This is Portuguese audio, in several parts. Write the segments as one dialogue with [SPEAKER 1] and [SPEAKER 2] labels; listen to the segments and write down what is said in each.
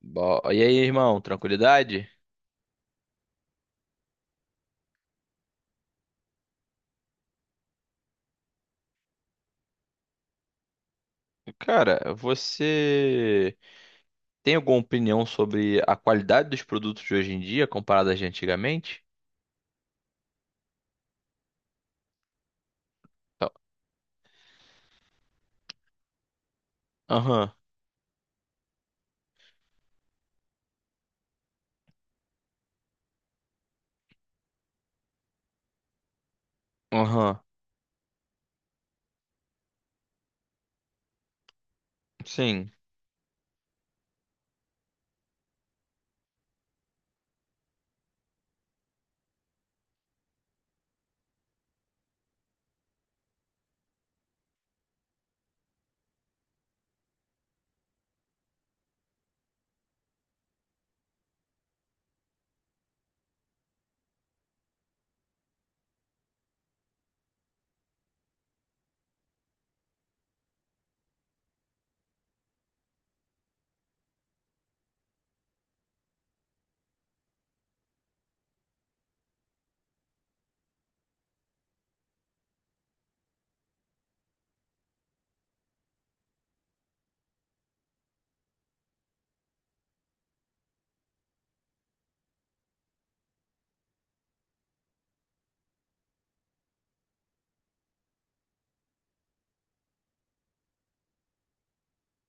[SPEAKER 1] E aí, irmão, tranquilidade? Cara, você tem alguma opinião sobre a qualidade dos produtos de hoje em dia comparada de antigamente? Então, aham, aham, sim.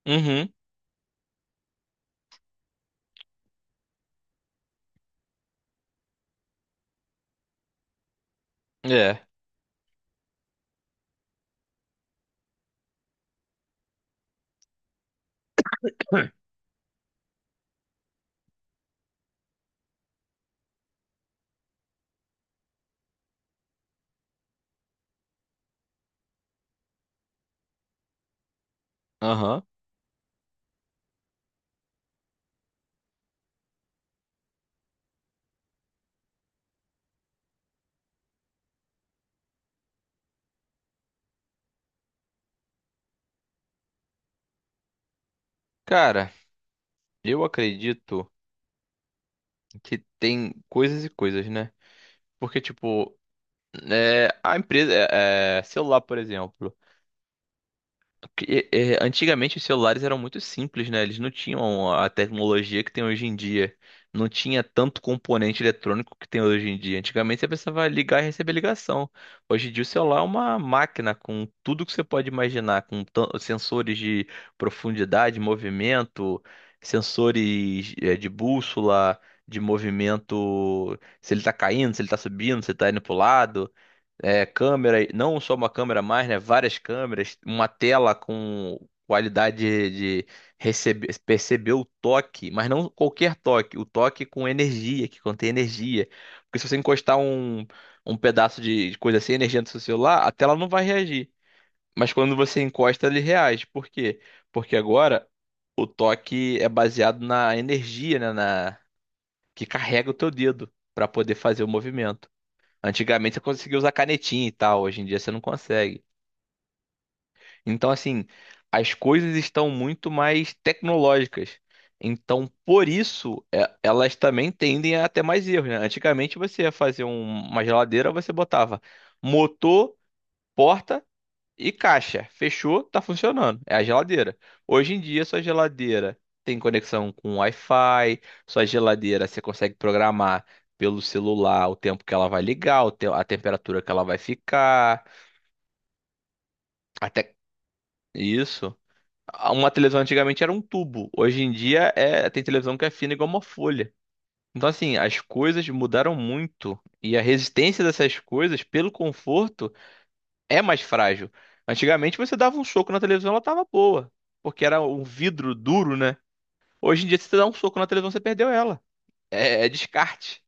[SPEAKER 1] Uhum, é, aham. Cara, eu acredito que tem coisas e coisas, né? Porque, tipo, a empresa, celular, por exemplo. Porque, antigamente os celulares eram muito simples, né? Eles não tinham a tecnologia que tem hoje em dia. Não tinha tanto componente eletrônico que tem hoje em dia. Antigamente você precisava ligar e receber ligação. Hoje em dia o celular é uma máquina com tudo que você pode imaginar, com sensores de profundidade, movimento, sensores de bússola, de movimento, se ele tá caindo, se ele tá subindo, se ele tá indo pro lado, câmera, não só uma câmera mais, né? Várias câmeras, uma tela com qualidade de receber, perceber o toque, mas não qualquer toque, o toque com energia, que contém energia. Porque se você encostar um pedaço de coisa sem energia no seu celular, a tela não vai reagir. Mas quando você encosta, ele reage. Por quê? Porque agora o toque é baseado na energia, né? Na, que carrega o teu dedo para poder fazer o movimento. Antigamente você conseguia usar canetinha e tal, hoje em dia você não consegue. Então, assim, as coisas estão muito mais tecnológicas. Então, por isso, elas também tendem a ter mais erros, né? Antigamente você ia fazer uma geladeira, você botava motor, porta e caixa, fechou, tá funcionando. É a geladeira. Hoje em dia, sua geladeira tem conexão com Wi-Fi, sua geladeira você consegue programar pelo celular o tempo que ela vai ligar, o a temperatura que ela vai ficar, até isso. Uma televisão antigamente era um tubo, hoje em dia tem televisão que é fina igual uma folha. Então, assim, as coisas mudaram muito e a resistência dessas coisas pelo conforto é mais frágil. Antigamente você dava um soco na televisão, ela tava boa, porque era um vidro duro, né? Hoje em dia, se você dá um soco na televisão, você perdeu ela. É, é descarte.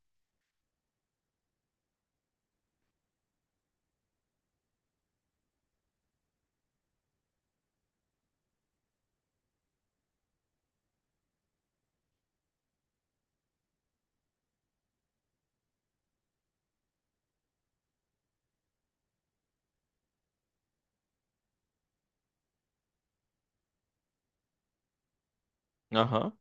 [SPEAKER 1] Aham.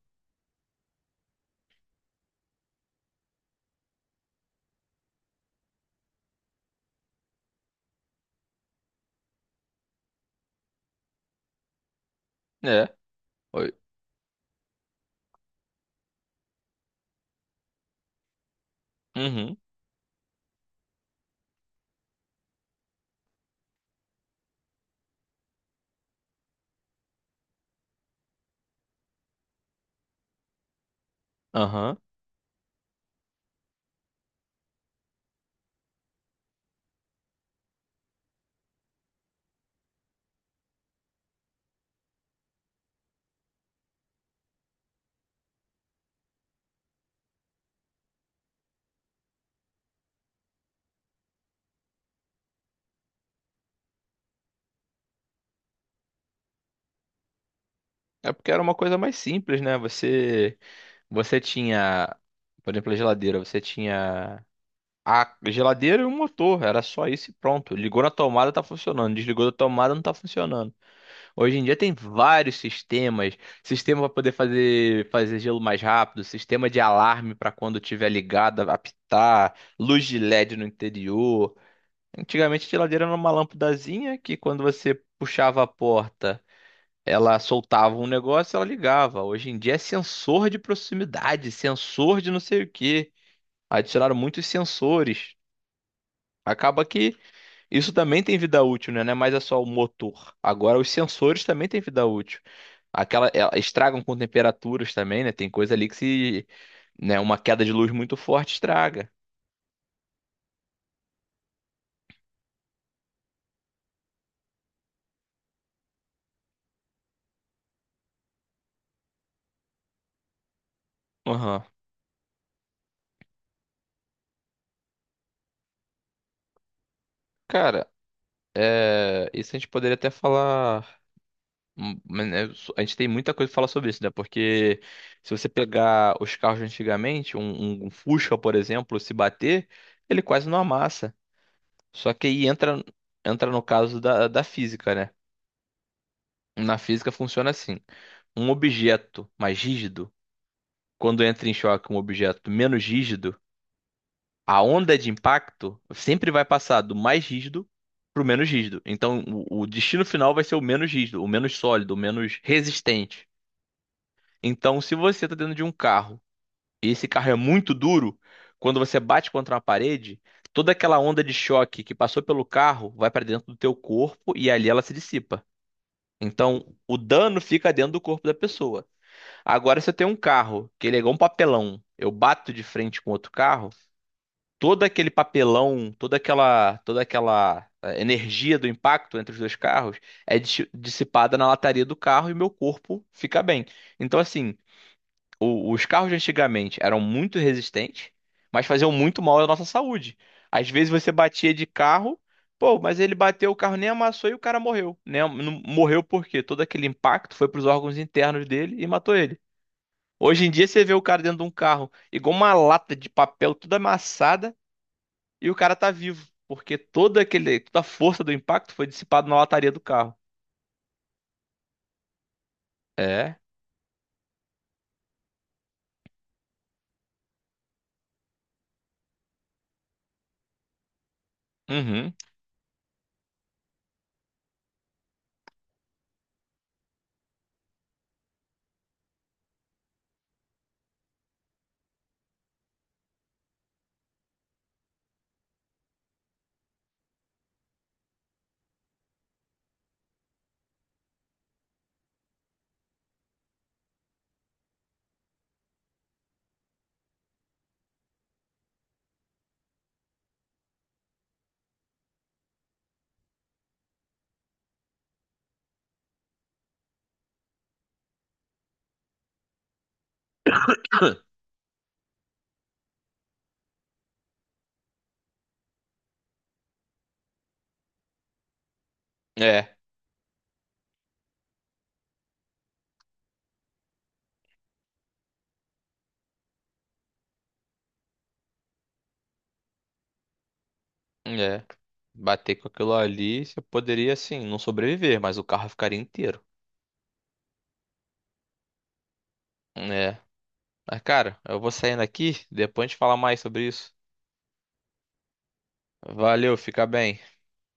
[SPEAKER 1] É. Oi. Uhum. Aham. É porque era uma coisa mais simples, né? Você, você tinha, por exemplo, a geladeira, você tinha a geladeira e o motor, era só isso e pronto. Ligou na tomada, tá funcionando. Desligou da tomada, não tá funcionando. Hoje em dia tem vários sistemas, sistema para poder fazer gelo mais rápido, sistema de alarme para quando tiver ligada apitar, luz de LED no interior. Antigamente a geladeira era uma lâmpadazinha que quando você puxava a porta, ela soltava um negócio, e ela ligava. Hoje em dia é sensor de proximidade, sensor de não sei o quê. Adicionaram muitos sensores. Acaba que isso também tem vida útil, né? Não é mais é só o motor. Agora, os sensores também têm vida útil. Aquela, estragam com temperaturas também, né? Tem coisa ali que se, né, uma queda de luz muito forte estraga. Aham. Cara, é, isso a gente poderia até falar. A gente tem muita coisa pra falar sobre isso, né? Porque se você pegar os carros de antigamente, um, um Fusca, por exemplo, se bater, ele quase não amassa. Só que aí entra, entra no caso da, da física, né? Na física funciona assim. Um objeto mais rígido, quando entra em choque com um objeto menos rígido, a onda de impacto sempre vai passar do mais rígido para o menos rígido. Então, o destino final vai ser o menos rígido, o menos sólido, o menos resistente. Então, se você está dentro de um carro e esse carro é muito duro, quando você bate contra uma parede, toda aquela onda de choque que passou pelo carro vai para dentro do teu corpo e ali ela se dissipa. Então, o dano fica dentro do corpo da pessoa. Agora, se eu tenho um carro que ele é igual um papelão, eu bato de frente com outro carro, todo aquele papelão, toda aquela energia do impacto entre os dois carros é dissipada na lataria do carro e meu corpo fica bem. Então, assim, os carros de antigamente eram muito resistentes, mas faziam muito mal à nossa saúde. Às vezes você batia de carro, pô, mas ele bateu, o carro nem amassou e o cara morreu. Né? Não- Morreu porque todo aquele impacto foi para os órgãos internos dele e matou ele. Hoje em dia você vê o cara dentro de um carro, igual uma lata de papel toda amassada, e o cara tá vivo, porque toda aquele, toda a força do impacto foi dissipada na lataria do carro. É, uhum, é, é. Bater com aquilo ali, você poderia, assim, não sobreviver, mas o carro ficaria inteiro. É. Mas, cara, eu vou saindo aqui, depois a gente fala mais sobre isso. Valeu, fica bem.